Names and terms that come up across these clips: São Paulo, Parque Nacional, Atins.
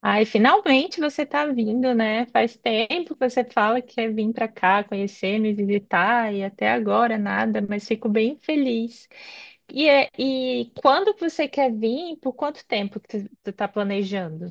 Ai, finalmente você tá vindo, né? Faz tempo que você fala que quer vir para cá conhecer, me visitar e até agora nada, mas fico bem feliz. E quando que você quer vir? Por quanto tempo que tu tá planejando?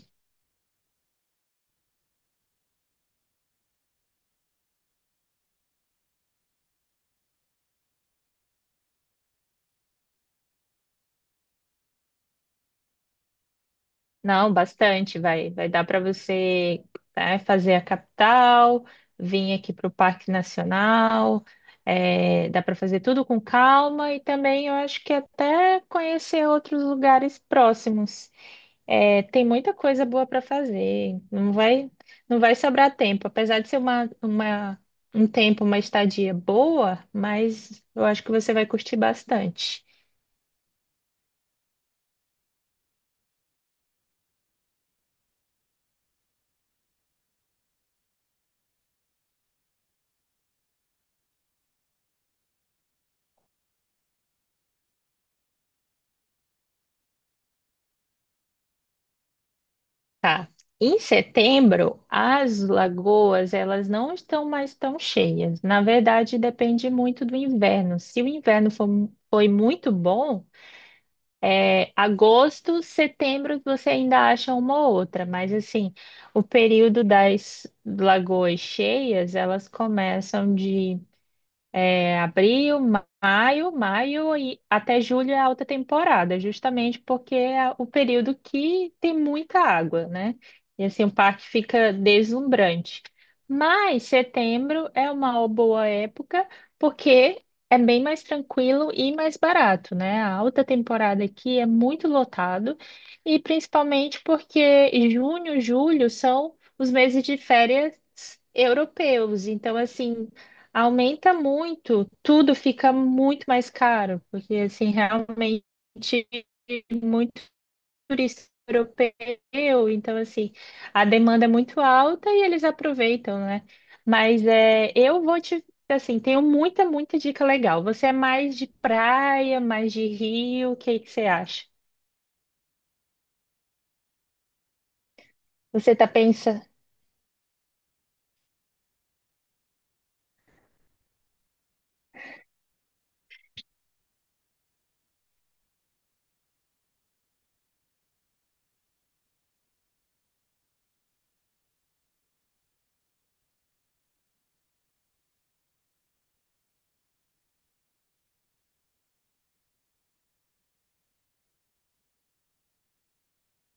Não, bastante, vai dar para você, né, fazer a capital, vir aqui para o Parque Nacional. Dá para fazer tudo com calma e também eu acho que até conhecer outros lugares próximos. É, tem muita coisa boa para fazer. Não vai sobrar tempo. Apesar de ser uma estadia boa, mas eu acho que você vai curtir bastante. Tá. Em setembro, as lagoas, elas não estão mais tão cheias. Na verdade, depende muito do inverno. Se o inverno foi muito bom, é, agosto, setembro, você ainda acha uma ou outra, mas assim, o período das lagoas cheias, elas começam de abril, maio e até julho é alta temporada, justamente porque é o período que tem muita água, né? E assim, o parque fica deslumbrante. Mas setembro é uma boa época porque é bem mais tranquilo e mais barato, né? A alta temporada aqui é muito lotado e principalmente porque junho, julho são os meses de férias europeus. Então, assim, aumenta muito, tudo fica muito mais caro, porque assim, realmente muito turista europeu, então assim, a demanda é muito alta e eles aproveitam, né? Mas assim, tenho muita, muita dica legal. Você é mais de praia, mais de rio, o que que você acha? Você tá pensando?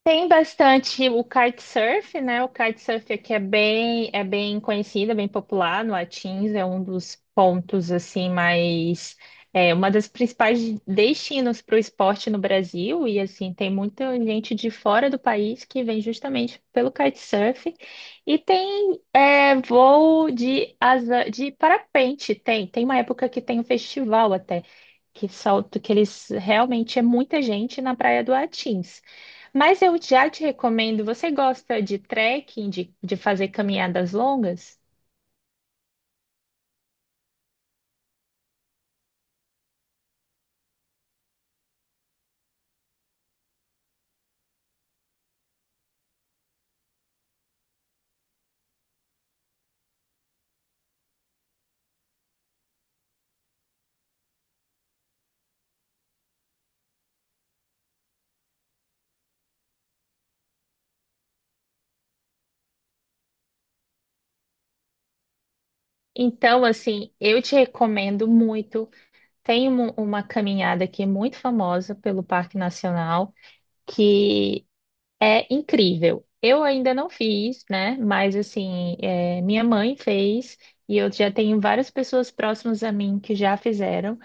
Tem bastante o kitesurf, né? O kitesurf aqui é bem, conhecido, é bem popular no Atins, é um dos pontos assim mais é uma das principais destinos para o esporte no Brasil e assim tem muita gente de fora do país que vem justamente pelo kitesurf e tem voo de asa de parapente, tem uma época que tem um festival até que solto que eles realmente é muita gente na Praia do Atins. Mas eu já te recomendo, você gosta de trekking, de fazer caminhadas longas? Então, assim, eu te recomendo muito. Tem uma caminhada aqui muito famosa pelo Parque Nacional, que é incrível. Eu ainda não fiz, né? Mas, assim, minha mãe fez, e eu já tenho várias pessoas próximas a mim que já fizeram.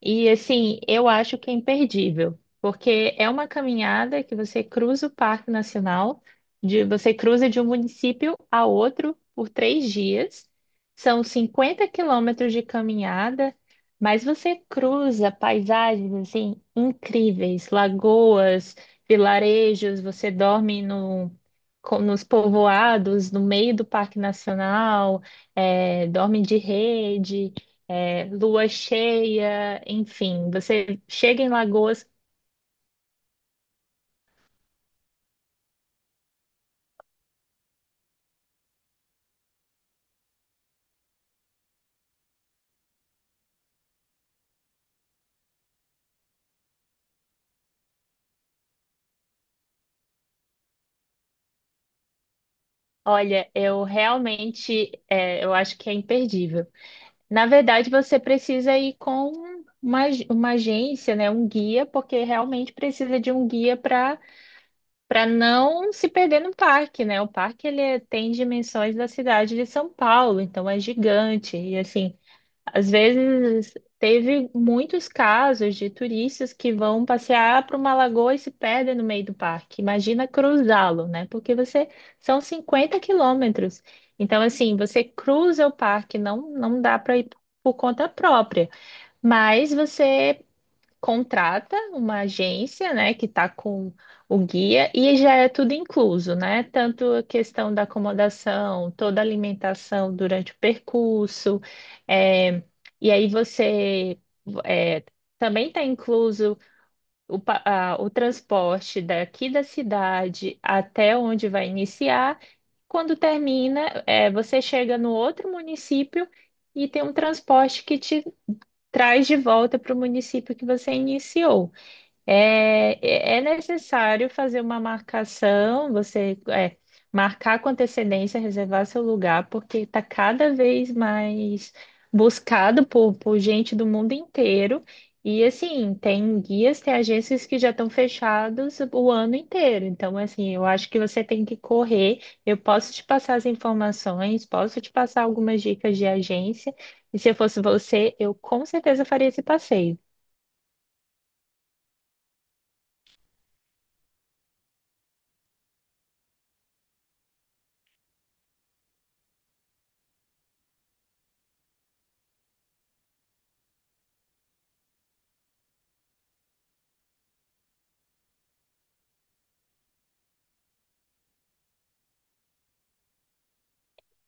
E assim, eu acho que é imperdível, porque é uma caminhada que você cruza o Parque Nacional, você cruza de um município a outro por 3 dias. São 50 quilômetros de caminhada, mas você cruza paisagens assim incríveis, lagoas, vilarejos, você dorme nos povoados, no meio do Parque Nacional, dorme de rede lua cheia, enfim, você chega em Lagoas. Olha, eu realmente, eu acho que é imperdível. Na verdade, você precisa ir com uma agência, né, um guia, porque realmente precisa de um guia para não se perder no parque, né? O parque ele tem dimensões da cidade de São Paulo, então é gigante e assim. Às vezes, teve muitos casos de turistas que vão passear para uma lagoa e se perdem no meio do parque. Imagina cruzá-lo, né? Porque você são 50 quilômetros. Então, assim, você cruza o parque, não dá para ir por conta própria, mas você contrata uma agência, né, que está com o guia e já é tudo incluso, né? Tanto a questão da acomodação, toda a alimentação durante o percurso, é, e aí você é, também está incluso o transporte daqui da cidade até onde vai iniciar. Quando termina, você chega no outro município e tem um transporte que te traz de volta para o município que você iniciou. É, é necessário fazer uma marcação, você marcar com antecedência, reservar seu lugar, porque está cada vez mais buscado por gente do mundo inteiro. E assim, tem guias, tem agências que já estão fechados o ano inteiro. Então, assim, eu acho que você tem que correr. Eu posso te passar as informações, posso te passar algumas dicas de agência. E se eu fosse você, eu com certeza faria esse passeio.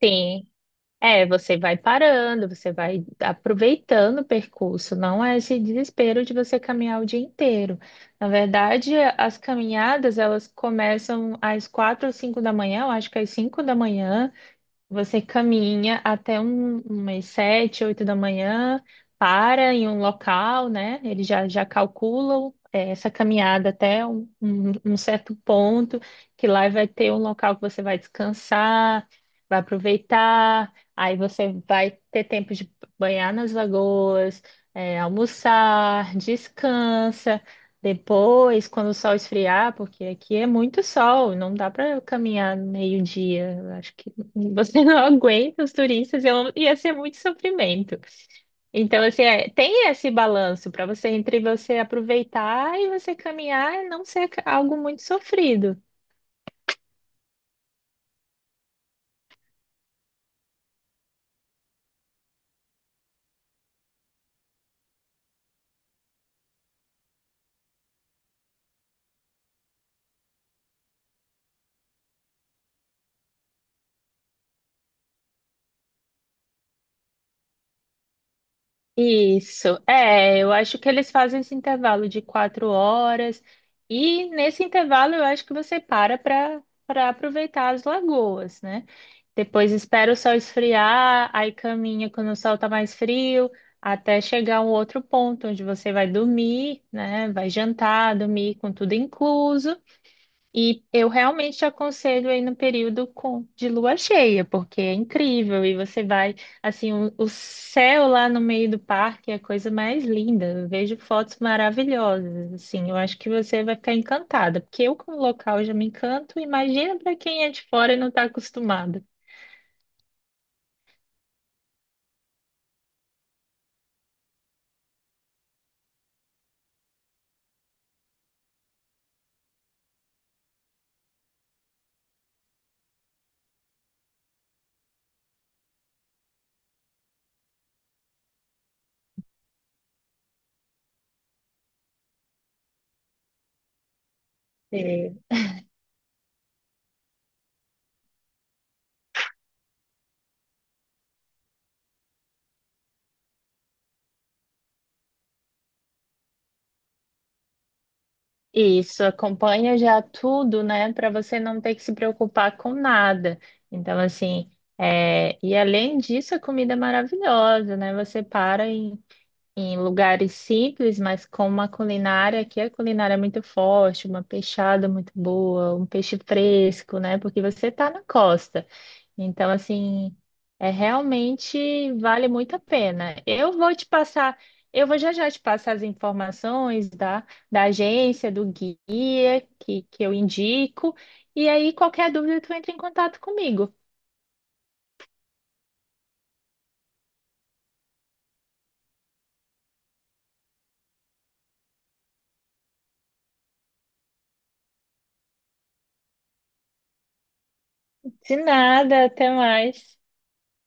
Sim. É, você vai parando, você vai aproveitando o percurso, não é esse desespero de você caminhar o dia inteiro. Na verdade, as caminhadas, elas começam às quatro ou cinco da manhã, eu acho que é às cinco da manhã, você caminha até umas sete, oito da manhã, para em um local, né? Eles já calculam essa caminhada até um certo ponto, que lá vai ter um local que você vai descansar, vai aproveitar, aí você vai ter tempo de banhar nas lagoas, almoçar, descansa. Depois, quando o sol esfriar, porque aqui é muito sol, não dá para caminhar meio-dia. Eu acho que você não aguenta os turistas, ia ser muito sofrimento. Então, assim, tem esse balanço para você entre você aproveitar e você caminhar e não ser algo muito sofrido. Isso, eu acho que eles fazem esse intervalo de 4 horas, e nesse intervalo eu acho que você para para aproveitar as lagoas, né? Depois espera o sol esfriar, aí caminha quando o sol tá mais frio, até chegar a um outro ponto onde você vai dormir, né? Vai jantar, dormir com tudo incluso. E eu realmente te aconselho aí no período de lua cheia, porque é incrível. E você vai, assim, o céu lá no meio do parque é a coisa mais linda. Eu vejo fotos maravilhosas, assim. Eu acho que você vai ficar encantada, porque eu, como local, já me encanto. Imagina para quem é de fora e não está acostumado. É. Isso, acompanha já tudo, né, para você não ter que se preocupar com nada. Então, assim, e além disso, a comida é maravilhosa, né? Você para em lugares simples, mas com uma culinária que a culinária é muito forte, uma peixada muito boa, um peixe fresco, né? Porque você está na costa. Então, assim, realmente vale muito a pena. Eu vou já já te passar as informações da agência, do guia que eu indico. E aí, qualquer dúvida, tu entra em contato comigo. De nada, até mais.